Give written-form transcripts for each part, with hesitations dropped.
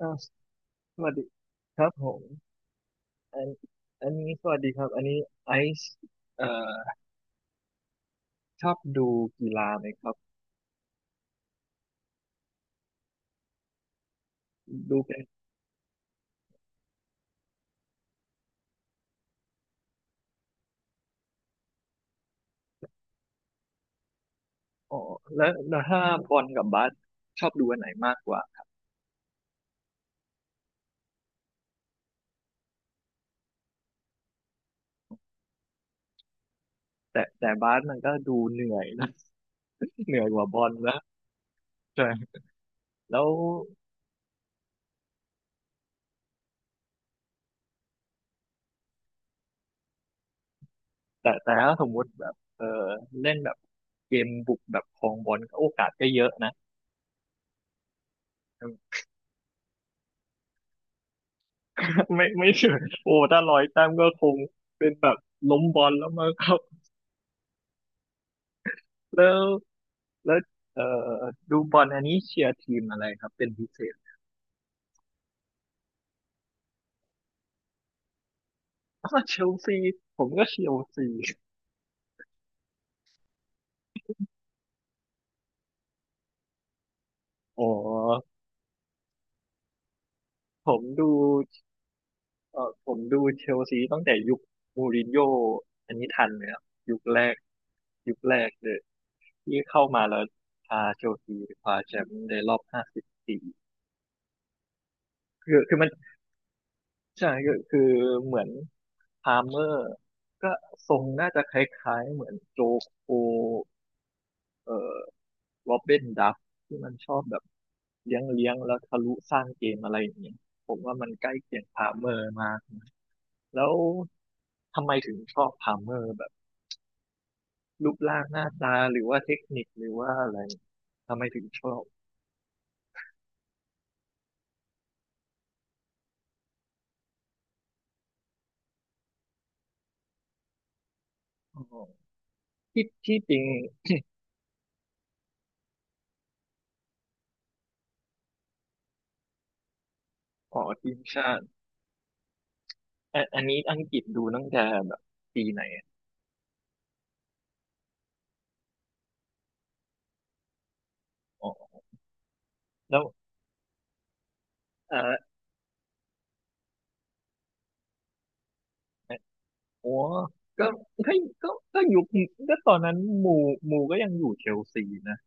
อ่าสวัสดีครับผมอันอันนี้สวัสดีครับ อันนี้ไอซ์เอ่อชอบดูกีฬาไหมครับ ดูเป็นอ๋อแล้วถ้าบอลกับบาสชอบดูอันไหนมากกว่า แต่บาสมันก็ดูเหนื่อยนะ เหนื่อยกว่าบอลนะใช่แล้วแต่ถ้าสมมุติแบบเล่นแบบเกมบุกแบบครองบอลก็โอกาสก็เยอะนะ ไม่เชื่อโอ้ถ้าร้อยแต้มก็คงเป็นแบบล้มบอลแล้วมั้งครับแล้ว แล้วเอ่อดูบอลอันนี้เชียร์ทีมอะไรครับเป็นพิเศษอ๋อเชลซีผมก็เชลซี อ๋อผมดูผมดูเชลซีตั้งแต่ยุคมูรินโญ่อันนี้ทันไหมครับยุคแรกยุคแรกเลยที่เข้ามาแล้วพาเชลซีคว้าแชมป์ในรอบ50 ปีคือมันใช่คือเหมือนพาเมอร์ก็ทรงน่าจะคล้ายๆเหมือนโจโคเอ่อ โรบินดับที่มันชอบแบบเลี้ยงแล้วทะลุสร้างเกมอะไรอย่างเงี้ยผมว่ามันใกล้เคียงพาเมอร์มากแล้วทำไมถึงชอบพาเมอร์แบบรูปร่างหน้าตาหรือว่าเทคนิคหรือว่าอะไรทำไมถึงชอบอ๋อที่จริงอ๋อทีมชาติอันนี้อังกฤษดูตั้งแต่แบบปีไหนอะอ๋อแล้วเออโอ้ก็ก็ก็ก็ยุคก็ตอนนั้นหมูก็ยังอยู่เชลซีนะ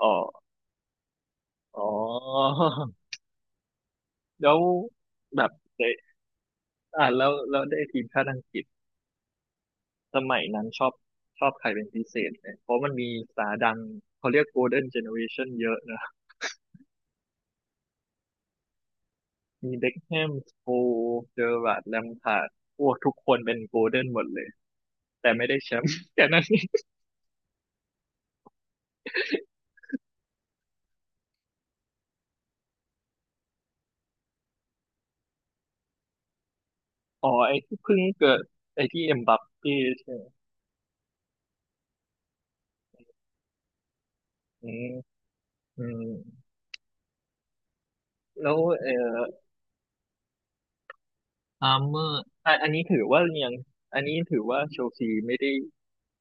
อ๋ออ๋อ แล้วแบบเดอ่าแล้วได้ทีมชาติอังกฤษสมัยนั้นชอบชอบใครเป็นพิเศษเนี่ยเพราะมันมีสตาร์ดังเขาเรียกโกลเด้นเจเนอเรชันเยอะนะ มีเบ็คแฮมสโคเจอร์ราร์ดแลมพาร์ดโอ้ทุกคนเป็นโกลเด้นหมดเลย แต่ไม่ได้แชมป์ แต่นั้นนีอ๋อไอ้ที่เพิ่งเกิดไอ้ที่เอ็มบัปเป้ใช่ไหมอืมอืมแล้วอาร์เมอร์อ่ะอันนี้ถือว่ายังอันนี้ถือว่าเชลซีไม่ได้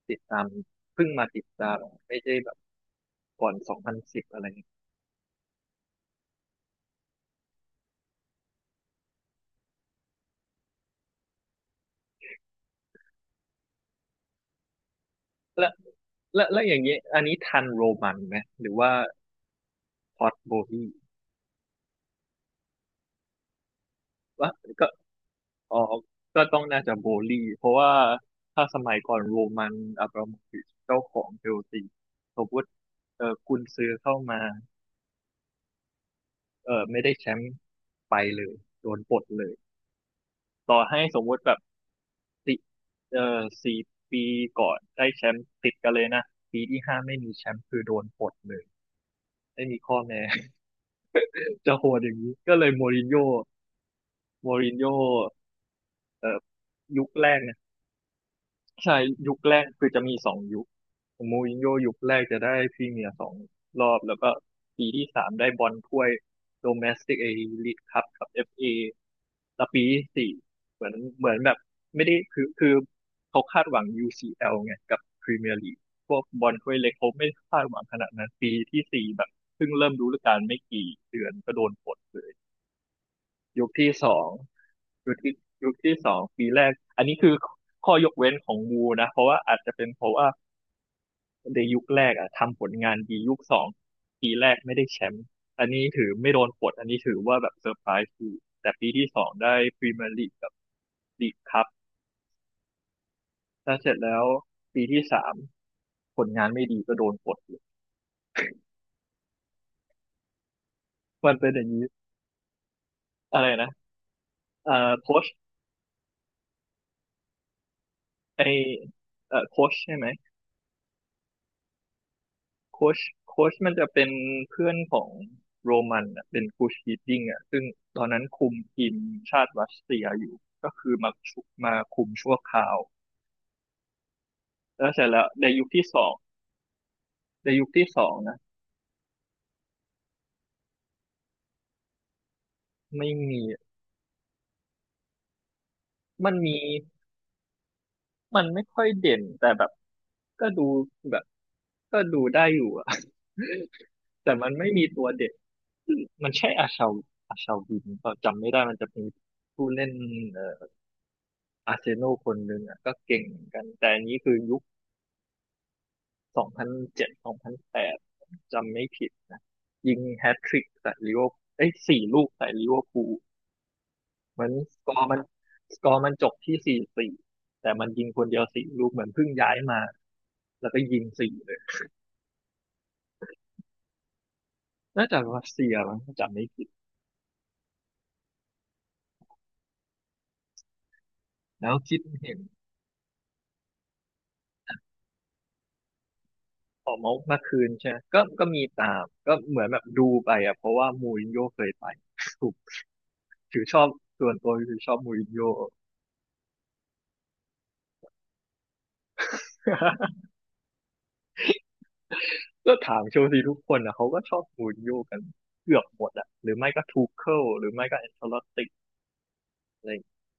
ติดตามเพิ่งมาติดตามไม่ได้ ก่อน2010อะไรอย่างเงี้ยแล้วแล้วอย่างเงี้ยอันนี้ทันโรมันไหมหรือว่าพอตโบลี่วะก็อ๋อก็ต้องน่าจะโบลี่เพราะว่าถ้าสมัยก่อนโรมันอับราโมวิชเจ้าของเชลซีสมมติเออกุนซือเข้ามาเออไม่ได้แชมป์ไปเลยโดนปลดเลยต่อให้สมมติแบบติเออ4 ปีก่อนได้แชมป์ติดกันเลยนะปีที่ 5ไม่มีแชมป์คือโดนปลดเลยไม่มีข้อแม้ จะโหดอย่างนี้ก็เลยโมรินโญ่ โมรินโญ่เอ่อยุคแรกเนี่ยใช่ยุคแรกคือจะมี2 ยุคโมรินโญ่ยุคแรกจะได้พรีเมียร์2 รอบแล้วก็ปีที่สามได้บอลถ้วยโดเมสติกเอลี e คั p กับเอฟเอแล้วปีที่ 4เหมือนแบบไม่ได้คือเขาคาดหวัง UCL ไงกับพรีเมียร์ลีกพวกบอลถ้วยเล็กเขาไม่คาดหวังขนาดนั้นปีที่สี่แบบเพิ่งเริ่มฤดูกาลไม่กี่เดือนก็โดนปลดเลยยุคที่สอง ยุคที่ยุคที่สองปีแรกอันนี้คือข้อยกเว้นของบูนะเพราะว่าอาจจะเป็นเพราะว่าในยุคแรกอ่ะทำผลงานดียุคสองปีแรกไม่ได้แชมป์อันนี้ถือไม่โดนปลดอันนี้ถือว่าแบบเซอร์ไพรส์คือแต่ปีที่ 2ได้พรีเมียร์ลีกกับลีกคัพถ้าเสร็จแล้วปีที่สามผลงานไม่ดีก็โดนปลดเลยมันเป็นอย่างนี้อะไรนะโค้ชไอโค้ชใช่ไหม โค้ชโค้ชมันจะเป็นเพื่อนของโรมันอะเป็นกูชฮีดดิ้งอ่ะซึ่งตอนนั้นคุมทีมชาติรัสเซียอยู่ก็คือมาชุมาคุมชั่วคราวแล้วเสร็จแล้วในยุคที่สองในยุคที่สองนะไม่มีมันมีมันไม่ค่อยเด่นแต่แบบก็ดูแบบก็ดูได้อยู่อะ แต่มันไม่มีตัวเด็นมันใช่อาชาอาชาวินเปล่าจำไม่ได้มันจะมีผู้เล่นเอ่อ อาร์เซโนอลคนหนึ่งอ่ะก็เก่งเหมือนกันแต่อันนี้คือยุค2007 2008จำไม่ผิดนะยิงแฮตทริกใส่ลิเวอร์เอ้ยสี่ลูกใส่ลิเวอร์พูลเหมือนสกอร์มันจบที่4-4แต่มันยิงคนเดียวสี่ลูกเหมือนเพิ่งย้ายมาแล้วก็ยิง 4เลยน่าจะรัสเซียมั้งถ้าจำไม่ผิดแล้วคิดเห็นออกมาเมื่อคืนใช่ไหมก็มีตามก็เหมือนแบบดูไปอ่ะเพราะว่ามูรินโญ่เคยไปถูกถือชอบส่วนตัวคือชอบมูรินโญ่ ก็ถามเชลซีทุกคนนะเขาก็ชอบมูรินโญ่กันเกือบหมดอะหรือไม่ก็ทูเคิลหรือไม่ก็แอนเชลอตติอะไรอย่างเงี้ย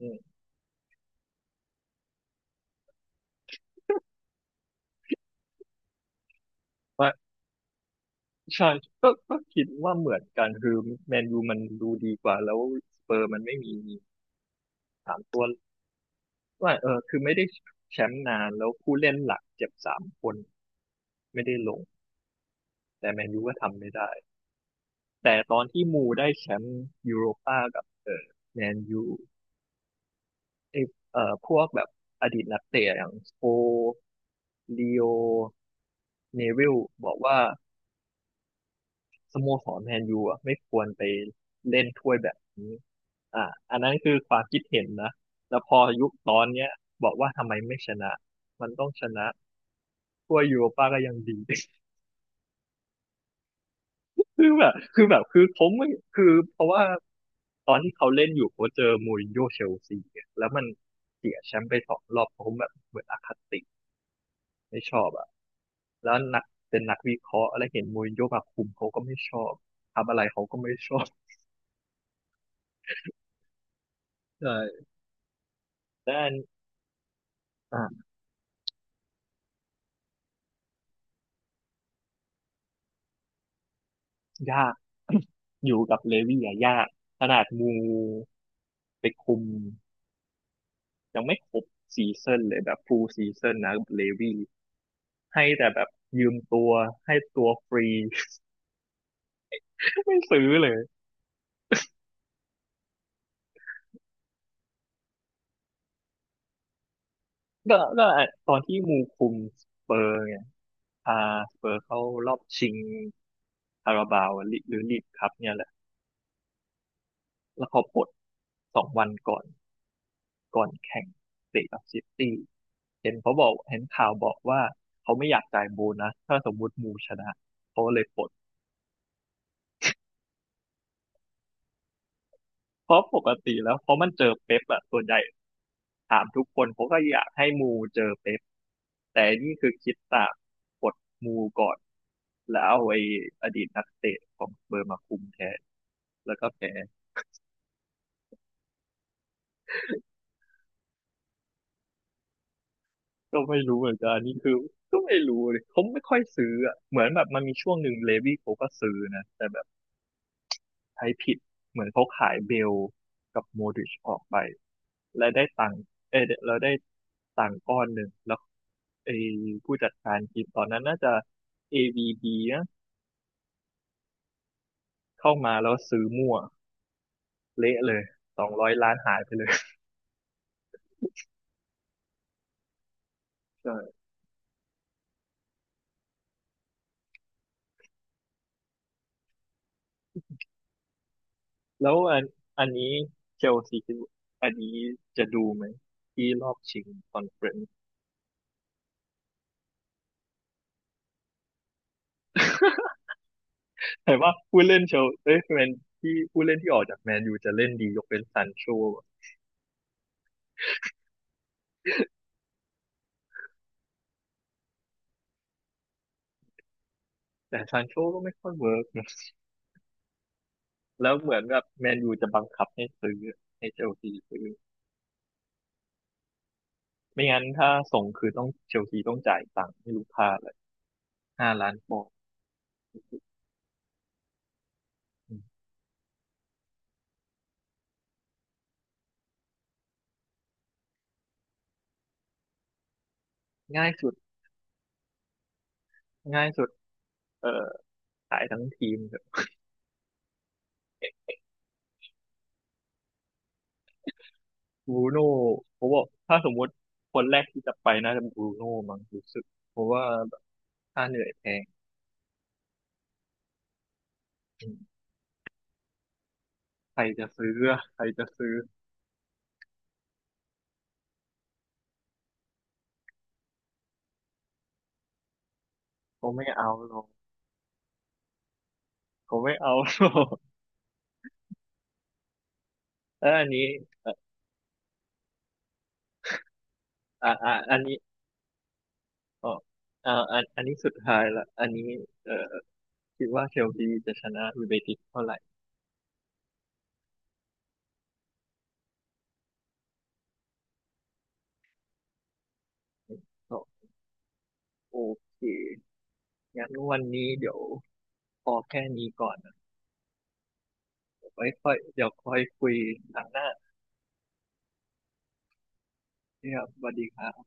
อืมว่าใช่ก็คิดว่าเหมือนกันคือแมนยูมันดูดีกว่าแล้วสเปอร์มันไม่มีสามตัวว่าเออคือไม่ได้แชมป์นานแล้วผู้เล่นหลักเจ็บ3 คนไม่ได้ลงแต่แมนยูก็ทำไม่ได้แต่ตอนที่มูได้แชมป์ยูโรป้ากับแมนยูไอพวกแบบอดีตนักเตะอย่างสโปลีโอ เนวิลบอกว่าสโมสรแมนยูอ่ะไม่ควรไปเล่นถ้วยแบบนี้อ่าอันนั้นคือความคิดเห็นนะแล้วพอยุคตอนเนี้ยบอกว่าทำไมไม่ชนะมันต้องชนะถ้วยยูโรป้าก็ยังดี คือแบบคือแบบคือผมไม่คือเพราะว่าตอนที่เขาเล่นอยู่เขาเจอมูรินโญ่เชลซีอะแล้วมันเสียแชมป์ไป2 รอบผมแบบเหมือนอคติไม่ชอบอ่ะแล้วนักเป็นนักวิเคราะห์อะไรเห็นมูรินโญ่มาคุมเขาก็ไม่ชอบทำอะไรเขาก็ไม่ชอบใช่ แต่อันอ่า ยากอยู่กับเลวี่อะยากขนาดมูไปคุมยังไม่ครบซีซั่นเลยแบบฟูลซีซั่นนะเลวี่ให้แต่แบบยืมตัวให้ตัวฟรี ไม่ซื้อเลยก็ตอนที่มูคุมสเปอร์เนี่ยพาสเปอร์เข้ารอบชิงคาราบาวลิหรือลีกคัพเนี่ยแหละแล้วเขาปลด2 วันก่อนก่อนแข่งเตะกับซิตี้เห็นเขาบอกเห็นข่าวบอกว่าเขาไม่อยากจ่ายโบนัสถ้าสมมุติมูชนะเขาเลยปลด เพราะปกติแล้วเพราะมันเจอเป๊ปอะส่วนใหญ่ถามทุกคนเขาก็อยากให้มูเจอเป๊ปแต่นี่คือคิดต่างกดมูก่อนแล้วเอาไอ้อดีตนักเตะของสเบอร์มาคุมแทนแล้วก็แพ้ก็ไม่รู้เหมือนกันนี่คือก็ไม่รู้เลยเขาไม่ค่อยซื้ออะเหมือนแบบมันมีช่วงหนึ่งเลวี่เขาก็ซื้อนะแต่แบบใช้ผิดเหมือนเขาขายเบลกับโมดริชออกไปและได้ตังค์เออเราได้ตังค์ก้อนหนึ่งแล้วไอ้ผู้จัดการทีมตอนนั้นน่าจะ AVB เข้ามาแล้วซื้อมั่วเละเลย200 ล้านหายไปเลย ใช่แล้วอันอันนี้เชลซีคิดว่าอันนี้จะดูไหมที่รอบชิงคอนเฟอเรนซ์แต่ว่าผู้เล่นเชลเอ้ยแมนที่ผู้เล่นที่ออกจากแมนยูจะเล่นดียกเป็นซานโชแต่ซานโชก็ไม่ค่อยเวิร์กนะแล้วเหมือนแบบแมนยูจะบังคับให้ซื้อให้เชลซีซื้อไม่งั้นถ้าส่งคือต้องเชลซีต้องจ่ายตังค์ให้ลูกค้าเลย5 ล้านปอนด์อืมง่ายสุดง่ายสุดเอ่อขายทั้งทีม บรูโน่ผมบอกถ้าสมมติคนแรกที่จะไปน่าจะบรูโน่มั้งรู้สึกเพราะว่าค่าเหนื่อยแพงอืมใครจะซื้ออะใครจะซื้อเขาไม่เอาหรอกเขาไม่เอาหรอก แล้วอันนี้เอ่ออันนี้อ๋ออันอันนี้สุดท้ายละอันนี้เอ่อคิดว่าเชลซีจะชนะยูไนเต็ดเท่าไหร่ก็โอเคงั้นวันนี้เดี๋ยวพอแค่นี้ก่อนนะเดี๋ยวไว้ค่อยเดี๋ยวค่อยคุยหลังหน้านะครับสวัสดีครับ